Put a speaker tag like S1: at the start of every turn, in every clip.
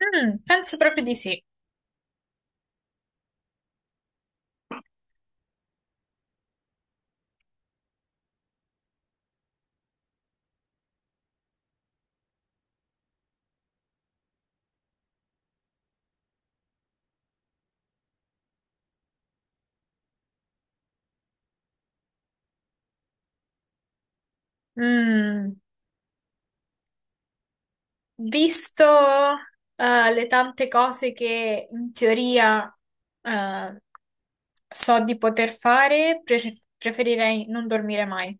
S1: Mm, penso proprio di sì. Mm, Visto le tante cose che in teoria eh, so di poter fare, preferirei non dormire mai.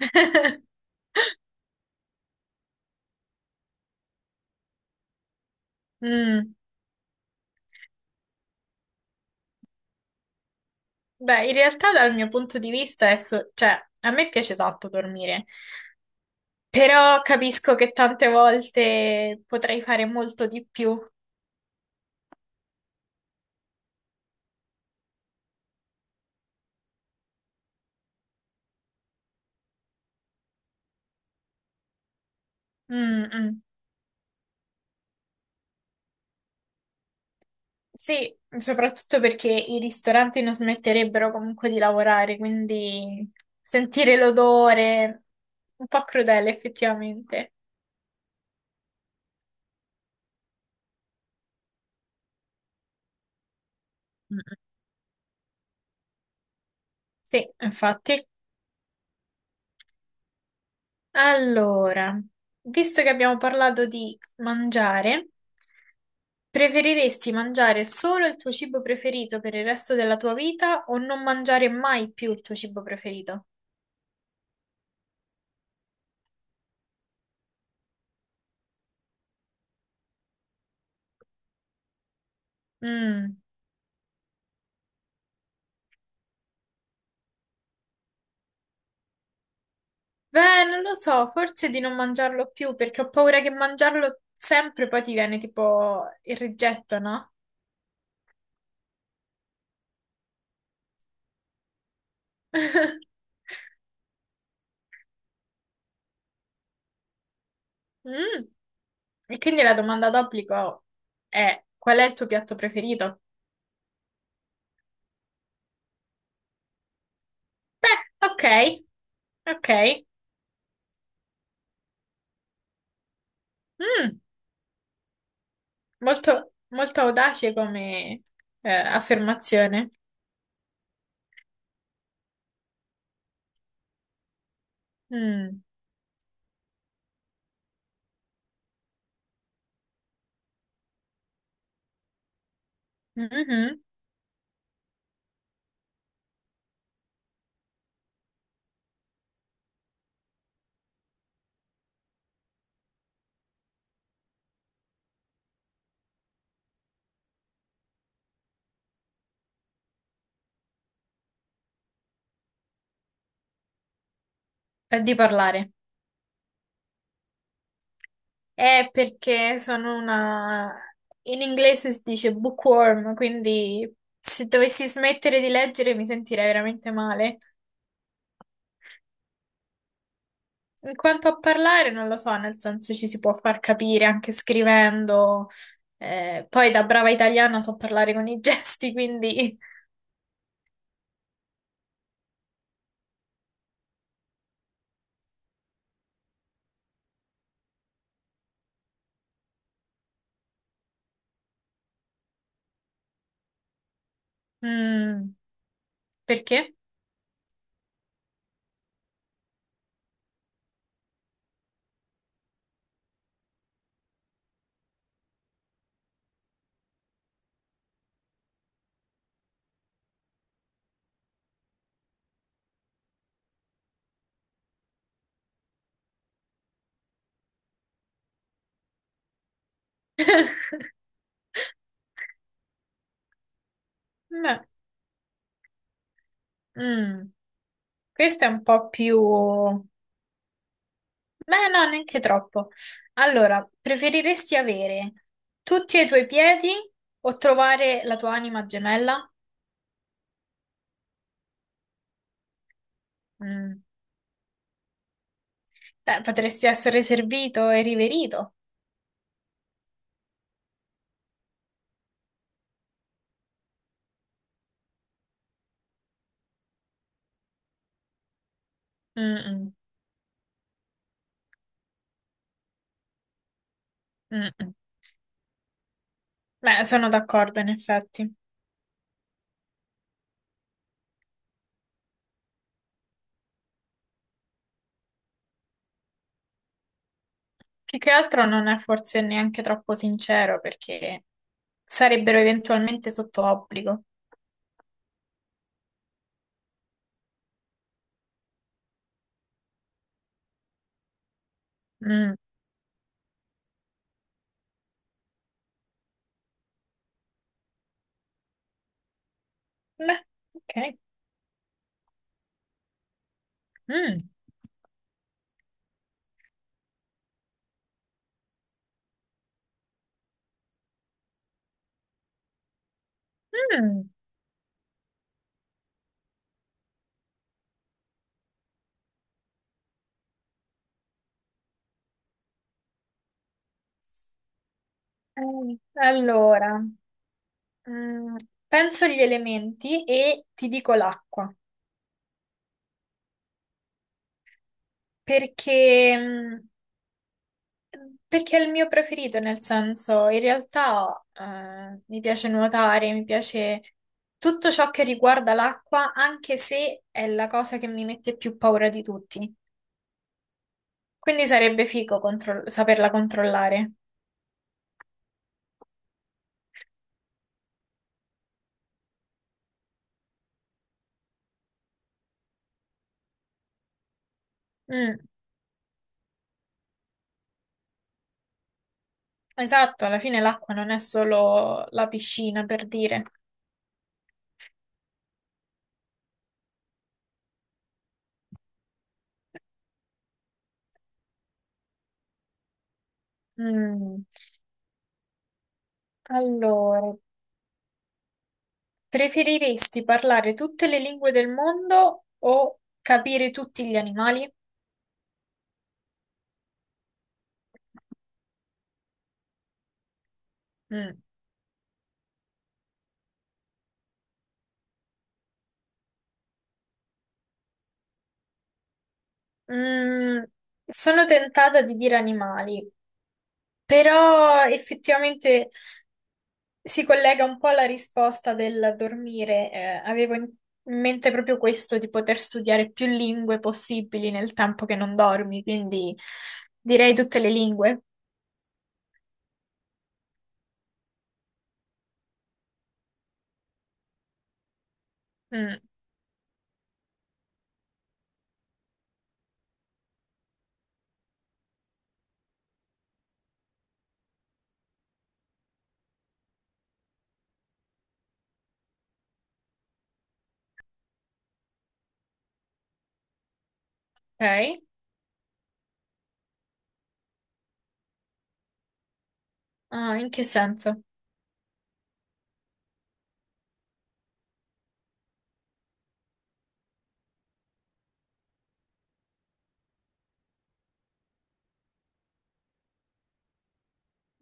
S1: Mm, beh, in realtà dal mio punto di vista, è cioè, a me piace tanto dormire, però capisco che tante volte potrei fare molto di più. Mm, mm. Sì, soprattutto perché i ristoranti non smetterebbero comunque di lavorare, quindi sentire l'odore, un po' crudele effettivamente. Mm, sì, infatti. Allora, visto che abbiamo parlato di mangiare, preferiresti mangiare solo il tuo cibo preferito per il resto della tua vita o non mangiare mai più il tuo cibo preferito? Mm. Beh, non lo so, forse di non mangiarlo più perché ho paura che mangiarlo sempre poi ti viene tipo il rigetto, no? Mm. E quindi la domanda d'obbligo è: qual è il tuo piatto preferito? Beh, ok, ok. Mm, molto, molto audace come affermazione. Mm. Mhm. È di parlare. È perché sono una... In inglese si dice bookworm, quindi se dovessi smettere di leggere mi sentirei veramente male. In quanto a parlare, non lo so, nel senso ci si può far capire anche scrivendo. Poi da brava italiana so parlare con i gesti, quindi... mm, perché? No. Mm. Questo è un po' più... Beh, no, neanche troppo. Allora, preferiresti avere tutti e i tuoi piedi o trovare la tua anima gemella? Mm. Beh, potresti essere servito e riverito. Mm-mm, mm-mm. Beh, sono d'accordo, in effetti. Più che altro non è forse neanche troppo sincero perché sarebbero eventualmente sotto obbligo. Mm. Beh, ok. Mm. Mm. Allora. Mm, penso agli elementi e ti dico l'acqua, perché, mm, perché è il mio preferito, nel senso, in realtà mi piace nuotare, mi piace tutto ciò che riguarda l'acqua, anche se è la cosa che mi mette più paura di tutti. Quindi sarebbe figo saperla controllare. Mm, esatto, alla fine l'acqua non è solo la piscina, per dire. Mm. Allora, preferiresti parlare tutte le lingue del mondo o capire tutti gli animali? Mm. Mm, sono tentata di dire animali, però effettivamente si collega un po' alla risposta del dormire. Avevo in mente proprio questo, di poter studiare più lingue possibili nel tempo che non dormi, quindi direi tutte le lingue. Mm, ok. Ah, in che senso?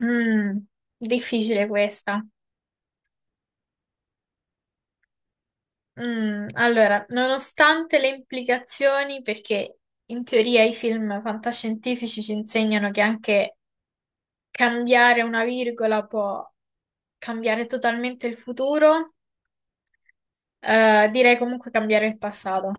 S1: Mm, difficile questa. Mm, allora, nonostante le implicazioni, perché in teoria i film fantascientifici ci insegnano che anche cambiare una virgola può cambiare totalmente il futuro, direi comunque cambiare il passato.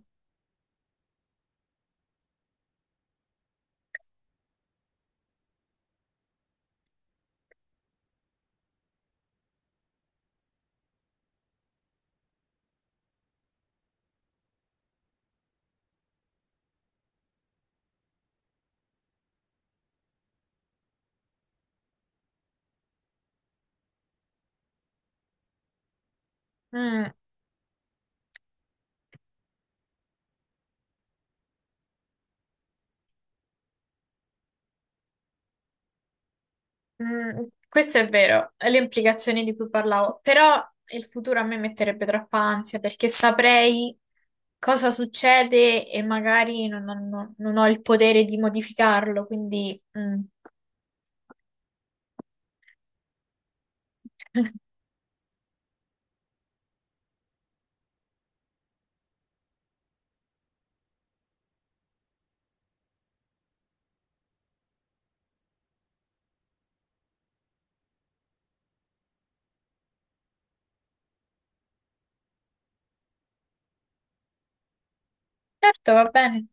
S1: Mm, mm, questo è vero, le implicazioni di cui parlavo, però il futuro a me metterebbe troppa ansia perché saprei cosa succede e magari non ho il potere di modificarlo, quindi... mm. Certo, va bene.